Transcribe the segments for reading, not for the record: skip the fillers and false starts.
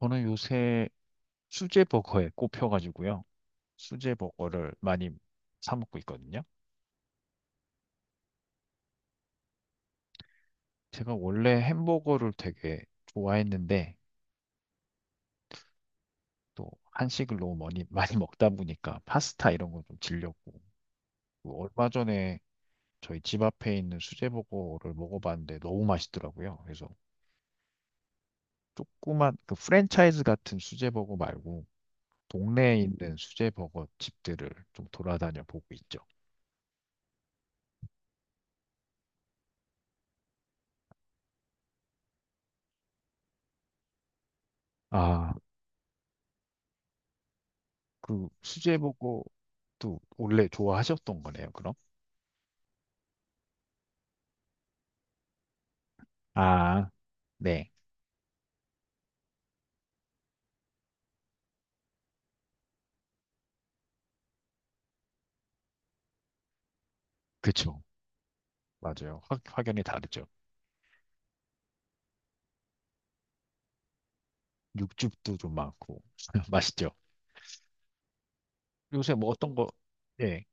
저는 요새 수제버거에 꼽혀가지고요. 수제버거를 많이 사 먹고 있거든요. 제가 원래 햄버거를 되게 좋아했는데 또 한식을 너무 많이, 많이 먹다 보니까 파스타 이런 거 좀 질렸고 그 얼마 전에 저희 집 앞에 있는 수제버거를 먹어봤는데 너무 맛있더라고요. 그래서 조그만 그 프랜차이즈 같은 수제버거 말고 동네에 있는 수제버거 집들을 좀 돌아다녀 보고 있죠. 아, 그 수제버거도 원래 좋아하셨던 거네요, 그럼? 아, 네. 그쵸. 맞아요. 확연히 다르죠. 육즙도 좀 많고. 맛있죠. 요새 뭐 어떤 거, 네.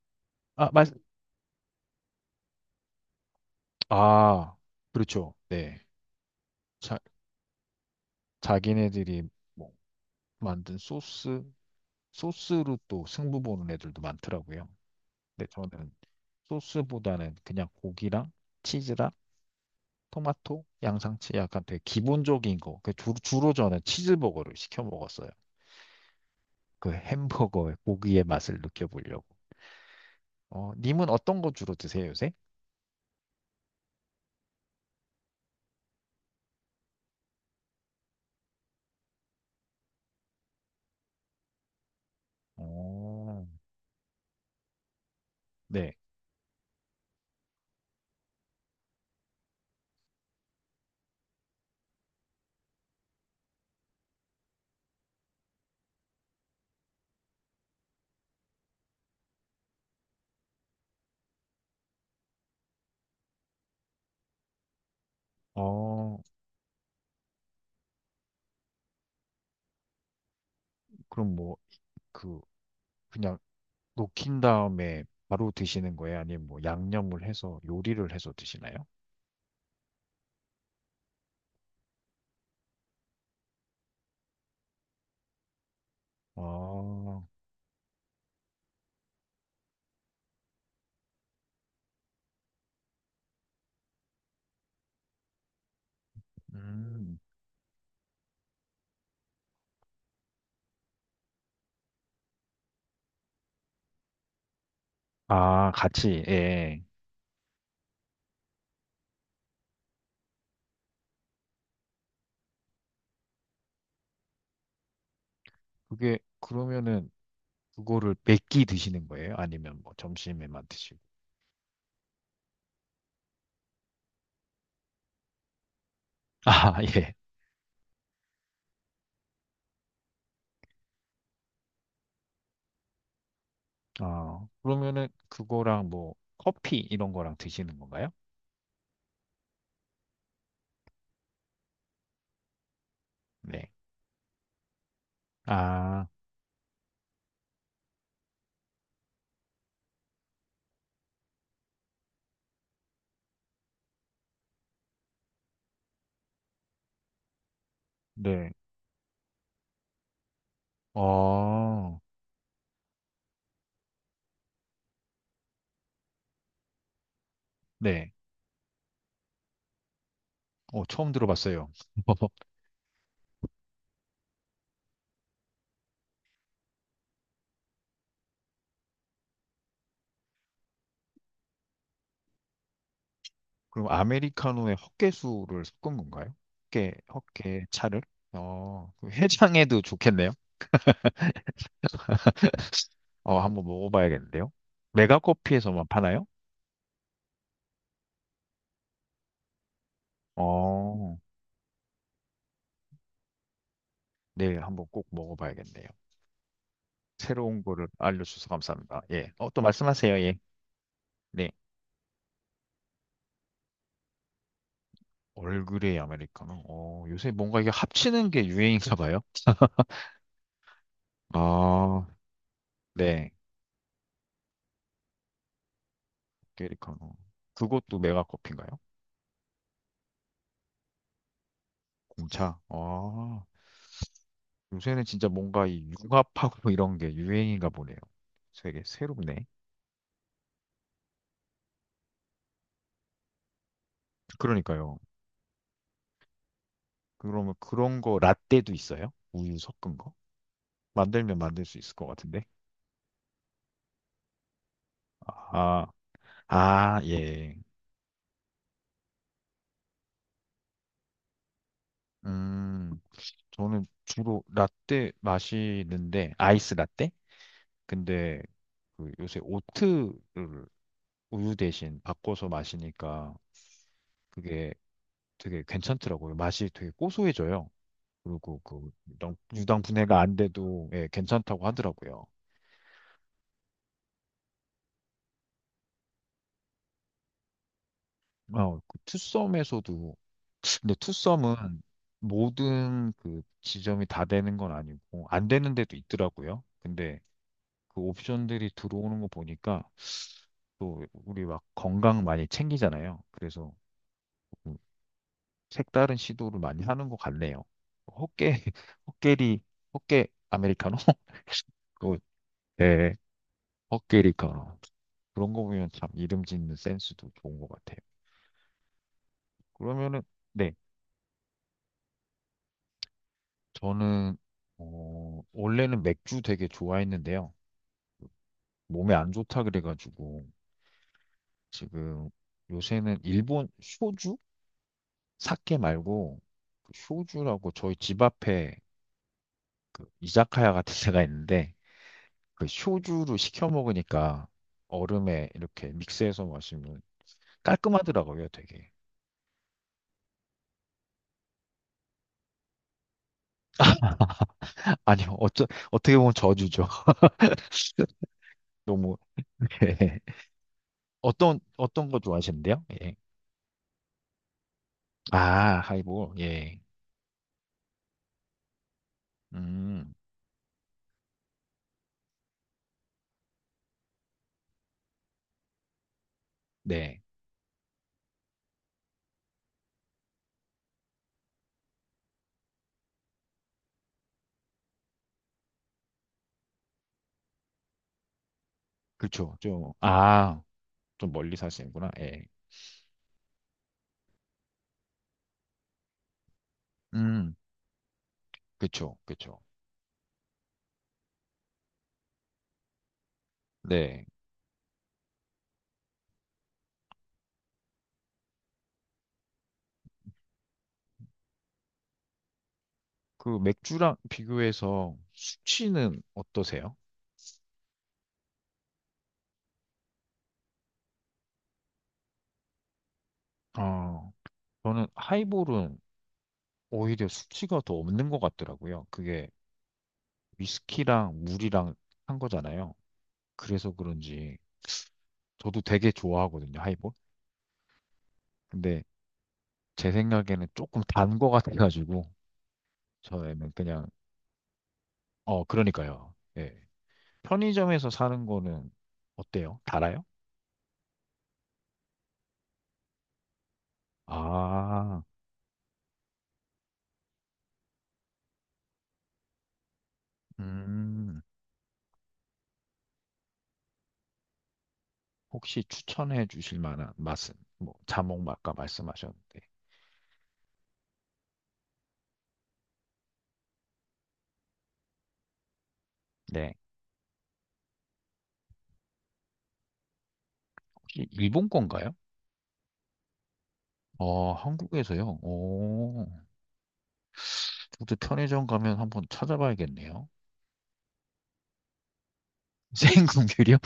아, 맛, 아, 그렇죠. 네. 자, 자기네들이 뭐 만든 소스, 소스로 또 승부 보는 애들도 많더라고요. 근데 저는 소스보다는 그냥 고기랑 치즈랑 토마토, 양상치 약간 되게 기본적인 거. 그 주로 저는 치즈버거를 시켜 먹었어요. 그 햄버거의 고기의 맛을 느껴보려고. 님은 어떤 거 주로 드세요, 요새? 어, 네. 어, 그럼 뭐, 그, 그냥 녹인 다음에 바로 드시는 거예요? 아니면 뭐 양념을 해서 요리를 해서 드시나요? 아, 음. 아, 같이, 예. 그게, 그러면은, 그거를 몇끼 드시는 거예요? 아니면 뭐 점심에만 드시고? 아, 예. 아, 그러면은 그거랑 뭐 커피 이런 거랑 드시는 건가요? 네. 아, 네. 어, 네. 처음 들어봤어요. 그럼 아메리카노에 헛개수를 섞은 건가요? 헛개 차를? 그 해장에도 좋겠네요. 한번 먹어봐야겠는데요. 메가커피에서만 파나요? 어, 네, 한번 꼭 먹어봐야겠네요. 새로운 거를 알려주셔서 감사합니다. 예. 또 말씀하세요. 예. 네. 얼그레이 아메리카노. 요새 뭔가 이게 합치는 게 유행인가 봐요. 아, 네. 아메리카노. 그것도 메가커피인가요? 공차. 아, 요새는 진짜 뭔가 이 융합하고 이런 게 유행인가 보네요. 되게 새롭네. 그러니까요. 그러면 그런 거 라떼도 있어요? 우유 섞은 거? 만들면 만들 수 있을 것 같은데. 아, 아, 예. 음, 저는 주로 라떼 마시는데, 아이스 라떼? 근데 그 요새 오트를 우유 대신 바꿔서 마시니까 그게 되게 괜찮더라고요. 맛이 되게 고소해져요. 그리고 그 유당 분해가 안 돼도 예, 괜찮다고 하더라고요. 어, 그 투썸에서도 근데 투썸은 모든 그 지점이 다 되는 건 아니고 안 되는 데도 있더라고요. 근데 그 옵션들이 들어오는 거 보니까 또 우리 막 건강 많이 챙기잖아요. 그래서 뭐 색다른 시도를 많이 하는 것 같네요. 호깨, 호깨리, 호깨 아메리카노? 그, 네, 호깨리카노. 그런 거 보면 참 이름 짓는 센스도 좋은 것 같아요. 그러면은, 네, 저는, 원래는 맥주 되게 좋아했는데요. 몸에 안 좋다 그래가지고, 지금 요새는 일본 쇼주? 사케 말고, 그 쇼주라고 저희 집 앞에 그 이자카야 같은 데가 있는데, 그 소주로 시켜 먹으니까 얼음에 이렇게 믹스해서 마시면 깔끔하더라고요, 되게. 아니요, 어쩌, 어떻게 보면 저주죠. 너무, 예. 어떤, 어떤 거 좋아하시는데요? 예. 아, 하이볼, 예. 음, 네. 그쵸, 좀, 아, 좀 멀리 사시는구나, 예. 음, 그쵸, 그쵸. 네. 그 맥주랑 비교해서 수치는 어떠세요? 어, 저는 하이볼은 오히려 수치가 더 없는 것 같더라고요. 그게 위스키랑 물이랑 한 거잖아요. 그래서 그런지 저도 되게 좋아하거든요, 하이볼. 근데 제 생각에는 조금 단 거 같아가지고 저는 그냥 그러니까요. 예. 편의점에서 사는 거는 어때요? 달아요? 아, 음, 혹시 추천해 주실 만한 맛은 뭐 자몽 맛과 말씀하셨는데, 네, 혹시 일본 건가요? 어, 한국에서요? 오. 근데 편의점 가면 한번 찾아봐야겠네요. 생금귤이요?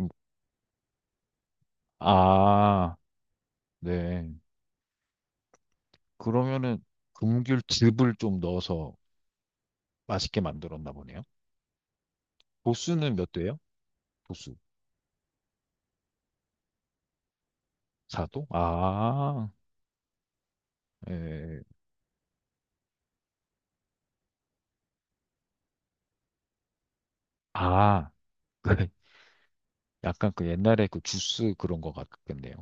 음, 아, 네. 그러면은 금귤즙을 좀 넣어서 맛있게 만들었나 보네요. 도수는 몇 도예요? 도수. 4도? 아, 예. 아, 그 약간 그 옛날에 그 주스 그런 거 같겠네요.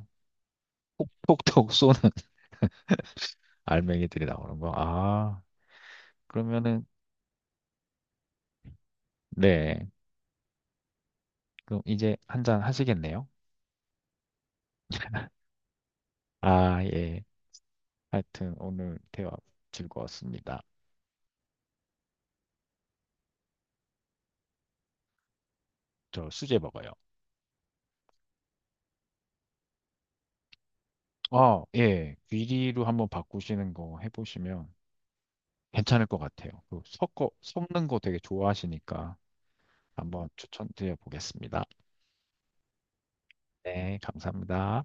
톡톡톡 쏘는 알맹이들이 나오는 거. 아, 그러면은 네. 그럼 이제 한 잔 하시겠네요? 아, 예. 하여튼 오늘 대화 즐거웠습니다. 저 수제 버거요. 어, 예. 귀리로 한번 바꾸시는 거 해보시면 괜찮을 것 같아요. 그 섞는 거 되게 좋아하시니까 한번 추천드려 보겠습니다. 네, 감사합니다.